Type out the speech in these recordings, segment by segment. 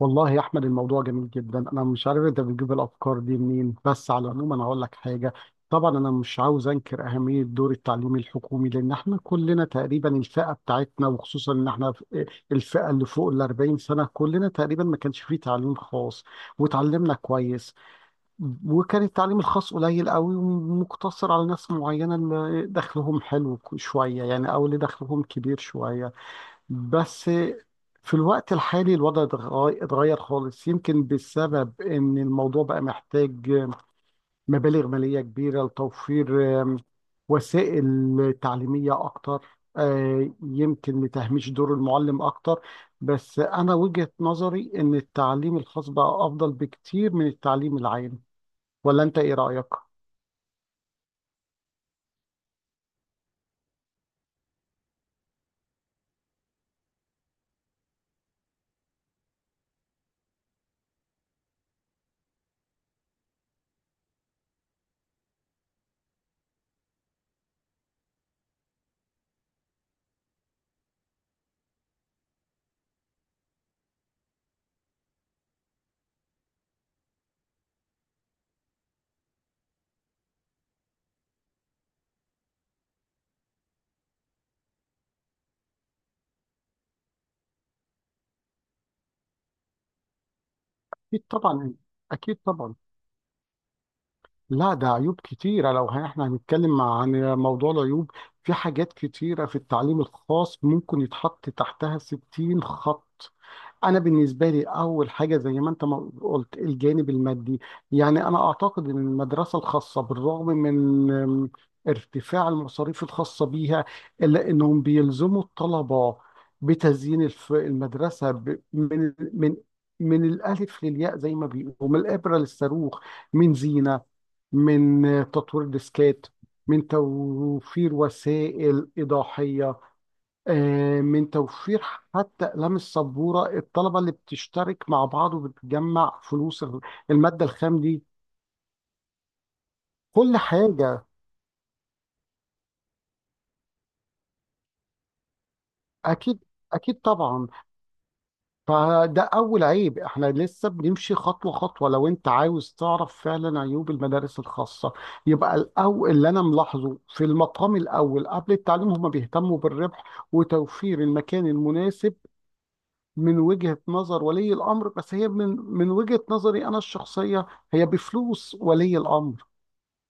والله يا احمد، الموضوع جميل جدا. انا مش عارف انت بتجيب الافكار دي منين، بس على العموم انا هقول لك حاجه. طبعا انا مش عاوز انكر اهميه دور التعليم الحكومي، لان احنا كلنا تقريبا الفئه بتاعتنا، وخصوصا ان احنا الفئه اللي فوق ال 40 سنه كلنا تقريبا ما كانش فيه تعليم خاص، وتعلمنا كويس. وكان التعليم الخاص قليل قوي ومقتصر على ناس معينه، اللي دخلهم حلو شويه يعني، او اللي دخلهم كبير شويه بس. في الوقت الحالي الوضع اتغير خالص، يمكن بسبب ان الموضوع بقى محتاج مبالغ مالية كبيرة لتوفير وسائل تعليمية أكتر، يمكن لتهميش دور المعلم أكتر. بس أنا وجهة نظري إن التعليم الخاص بقى أفضل بكتير من التعليم العام. ولا أنت إيه رأيك؟ أكيد طبعا. أكيد طبعا. لا، ده عيوب كتيرة. لو احنا هنتكلم عن موضوع العيوب، في حاجات كتيرة في التعليم الخاص ممكن يتحط تحتها 60 خط. أنا بالنسبة لي، أول حاجة زي ما أنت ما قلت، الجانب المادي. يعني أنا أعتقد إن المدرسة الخاصة، بالرغم من ارتفاع المصاريف الخاصة بيها، إلا إنهم بيلزموا الطلبة بتزيين المدرسة من الألف للياء زي ما بيقولوا، من الإبرة للصاروخ، من زينة، من تطوير ديسكات، من توفير وسائل إيضاحية، من توفير حتى أقلام السبورة، الطلبة اللي بتشترك مع بعض وبتجمع فلوس المادة الخام دي. كل حاجة. أكيد. أكيد طبعا. فده أول عيب. إحنا لسه بنمشي خطوة خطوة. لو أنت عاوز تعرف فعلا عيوب المدارس الخاصة، يبقى الأول اللي أنا ملاحظه في المقام الأول قبل التعليم، هما بيهتموا بالربح وتوفير المكان المناسب من وجهة نظر ولي الأمر، بس هي من وجهة نظري أنا الشخصية، هي بفلوس ولي الأمر.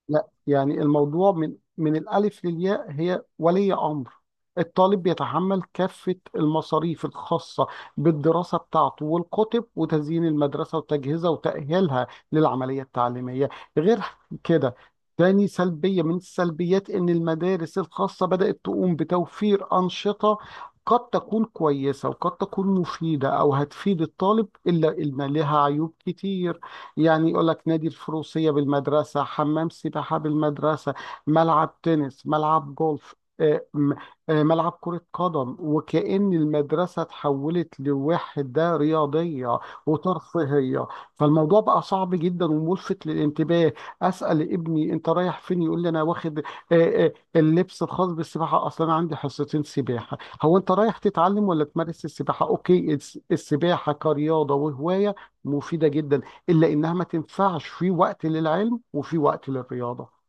لا، يعني الموضوع من الألف للياء هي ولي أمر الطالب بيتحمل كافة المصاريف الخاصة بالدراسة بتاعته، والكتب، وتزيين المدرسة، وتجهيزها، وتأهيلها للعملية التعليمية. غير كده، تاني سلبية من السلبيات إن المدارس الخاصة بدأت تقوم بتوفير أنشطة قد تكون كويسة وقد تكون مفيدة أو هتفيد الطالب، إلا إن لها عيوب كتير. يعني يقول لك نادي الفروسية بالمدرسة، حمام سباحة بالمدرسة، ملعب تنس، ملعب جولف، آه، م- ملعب كرة قدم، وكأن المدرسة تحولت لوحدة رياضية وترفيهية. فالموضوع بقى صعب جدا وملفت للانتباه. أسأل ابني أنت رايح فين، يقول لي أنا واخد اللبس الخاص بالسباحة، أصلا أنا عندي حصتين سباحة. هو أنت رايح تتعلم ولا تمارس السباحة؟ أوكي، السباحة كرياضة وهواية مفيدة جدا، الا انها ما تنفعش في وقت للعلم، وفي وقت للرياضه.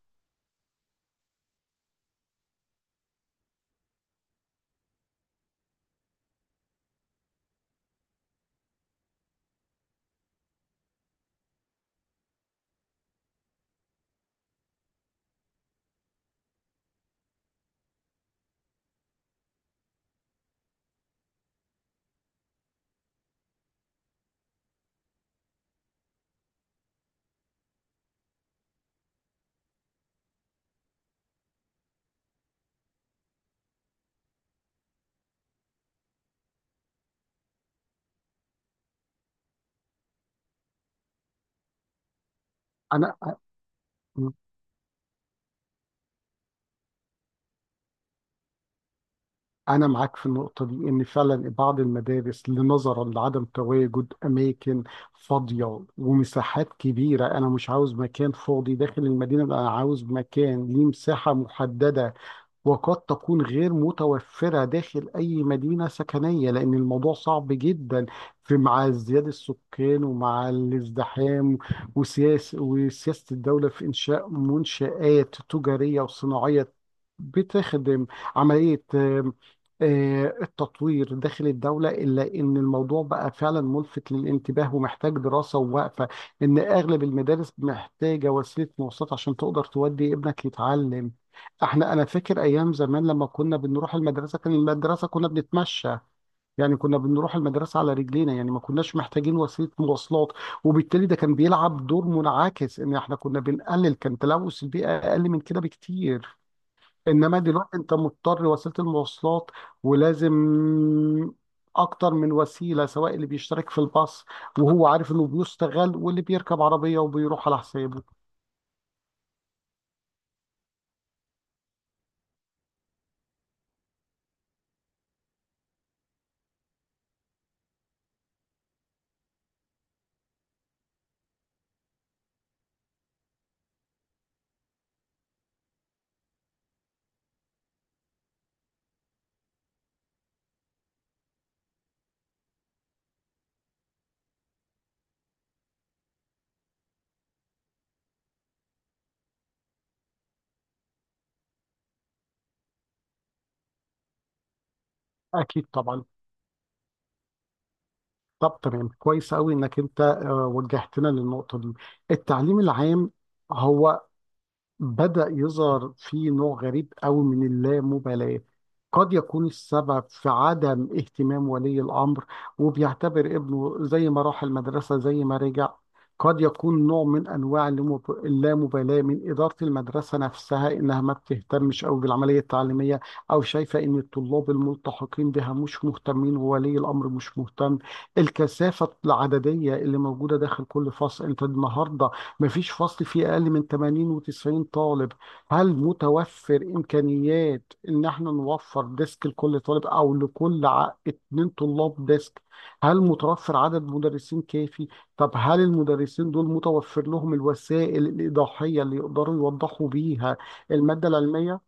انا معاك في النقطه دي، ان فعلا بعض المدارس لنظرا لعدم تواجد اماكن فاضيه ومساحات كبيره. انا مش عاوز مكان فاضي داخل المدينه، انا عاوز مكان ليه مساحه محدده، وقد تكون غير متوفرة داخل أي مدينة سكنية، لأن الموضوع صعب جدا في مع ازدياد السكان، ومع الازدحام، وسياسة الدولة في إنشاء منشآت تجارية وصناعية بتخدم عملية التطوير داخل الدولة، إلا إن الموضوع بقى فعلا ملفت للانتباه ومحتاج دراسة ووقفة. إن أغلب المدارس محتاجة وسيلة مواصلات عشان تقدر تودي ابنك يتعلم. احنا، انا فاكر ايام زمان لما كنا بنروح المدرسه، كان المدرسه كنا بنتمشى، يعني كنا بنروح المدرسه على رجلينا، يعني ما كناش محتاجين وسيله مواصلات، وبالتالي ده كان بيلعب دور منعكس ان احنا كنا بنقلل، كان تلوث البيئه اقل من كده بكتير. انما دلوقتي انت مضطر وسيله المواصلات، ولازم اكتر من وسيله، سواء اللي بيشترك في الباص وهو عارف انه بيستغل، واللي بيركب عربيه وبيروح على حسابه. اكيد طبعا. طب تمام، كويس قوي انك انت وجهتنا للنقطه دي. التعليم العام، هو بدأ يظهر في نوع غريب قوي من اللامبالاة. قد يكون السبب في عدم اهتمام ولي الأمر وبيعتبر ابنه زي ما راح المدرسة زي ما رجع. قد يكون نوع من أنواع اللامبالاة من إدارة المدرسة نفسها إنها ما بتهتمش أو بالعملية التعليمية، أو شايفة إن الطلاب الملتحقين بها مش مهتمين وولي الأمر مش مهتم. الكثافة العددية اللي موجودة داخل كل فصل، أنت النهاردة مفيش فصل فيه أقل من 80 و90 طالب. هل متوفر إمكانيات إن احنا نوفر ديسك لكل طالب، أو لكل اتنين طلاب ديسك؟ هل متوفر عدد مدرسين كافي؟ طب هل المدرسين دول متوفر لهم الوسائل الإيضاحية اللي يقدروا يوضحوا بيها المادة العلمية؟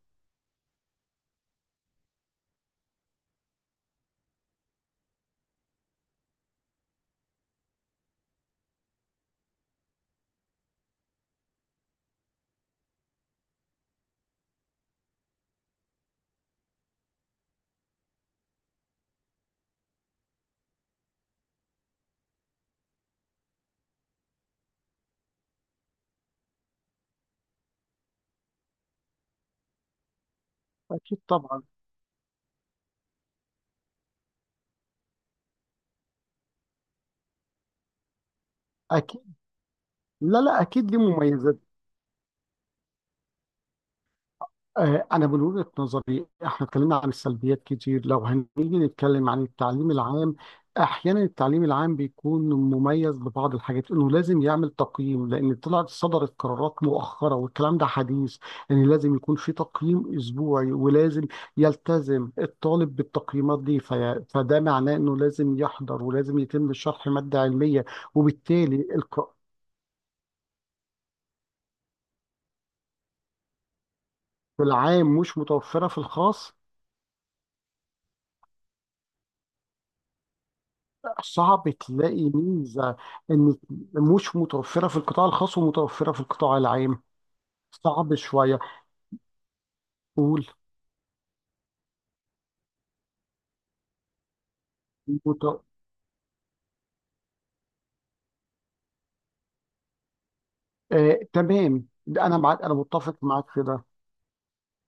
أكيد طبعا. أكيد. لا لا، أكيد دي مميزات. أنا من وجهة نظري إحنا اتكلمنا عن السلبيات كتير، لو هنيجي نتكلم عن التعليم العام، أحيانا التعليم العام بيكون مميز ببعض الحاجات. إنه لازم يعمل تقييم، لأن طلعت صدرت قرارات مؤخرة والكلام ده حديث إن لازم يكون في تقييم أسبوعي، ولازم يلتزم الطالب بالتقييمات دي، في فده معناه إنه لازم يحضر ولازم يتم شرح مادة علمية. وبالتالي العام مش متوفرة في الخاص. صعب تلاقي ميزة إن مش متوفرة في القطاع الخاص ومتوفرة في القطاع العام. صعب شوية. قول. مت... تمام، ده أنا معاك، أنا متفق معاك في ده.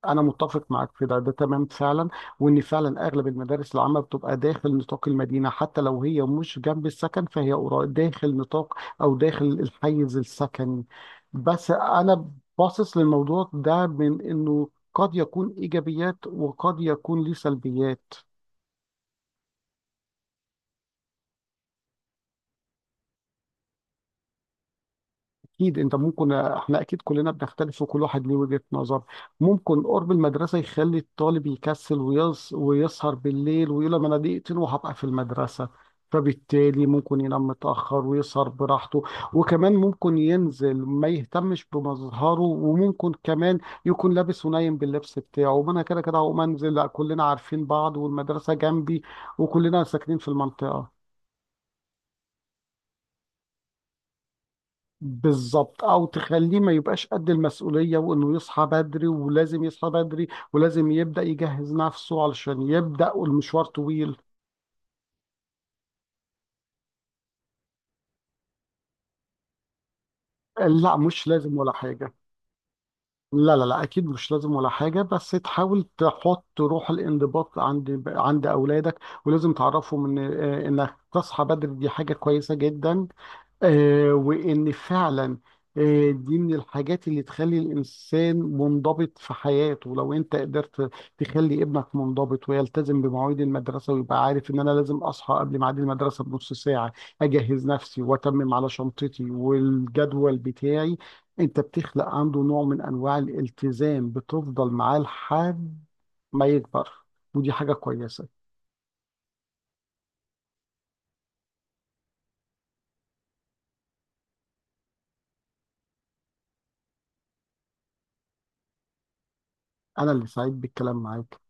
أنا متفق معاك في ده، ده تمام فعلا. وإن فعلا أغلب المدارس العامة بتبقى داخل نطاق المدينة، حتى لو هي مش جنب السكن، فهي داخل نطاق، أو داخل الحيز السكني. بس أنا باصص للموضوع ده من إنه قد يكون إيجابيات وقد يكون ليه سلبيات. اكيد، انت ممكن، احنا اكيد كلنا بنختلف وكل واحد ليه وجهة نظر. ممكن قرب المدرسه يخلي الطالب يكسل ويسهر بالليل، ويقول لما انا دقيقتين وهبقى في المدرسه، فبالتالي ممكن ينام متاخر ويسهر براحته، وكمان ممكن ينزل ما يهتمش بمظهره، وممكن كمان يكون لابس ونايم باللبس بتاعه، وانا كده كده هقوم انزل، لا، كلنا عارفين بعض والمدرسه جنبي وكلنا ساكنين في المنطقه. بالظبط، او تخليه ما يبقاش قد المسؤوليه، وانه يصحى بدري ولازم يصحى بدري ولازم يبدا يجهز نفسه علشان يبدا، والمشوار طويل. لا، مش لازم ولا حاجه. لا لا لا، اكيد مش لازم ولا حاجه، بس تحاول تحط روح الانضباط عند اولادك. ولازم تعرفهم ان انك تصحى بدري دي حاجه كويسه جدا. وإن فعلا، دي من الحاجات اللي تخلي الإنسان منضبط في حياته. لو أنت قدرت تخلي ابنك منضبط ويلتزم بمواعيد المدرسة ويبقى عارف إن أنا لازم أصحى قبل ميعاد المدرسة بنص ساعة، أجهز نفسي وأتمم على شنطتي والجدول بتاعي. أنت بتخلق عنده نوع من أنواع الالتزام بتفضل معاه لحد ما يكبر. ودي حاجة كويسة. أنا اللي سعيد بالكلام معاك.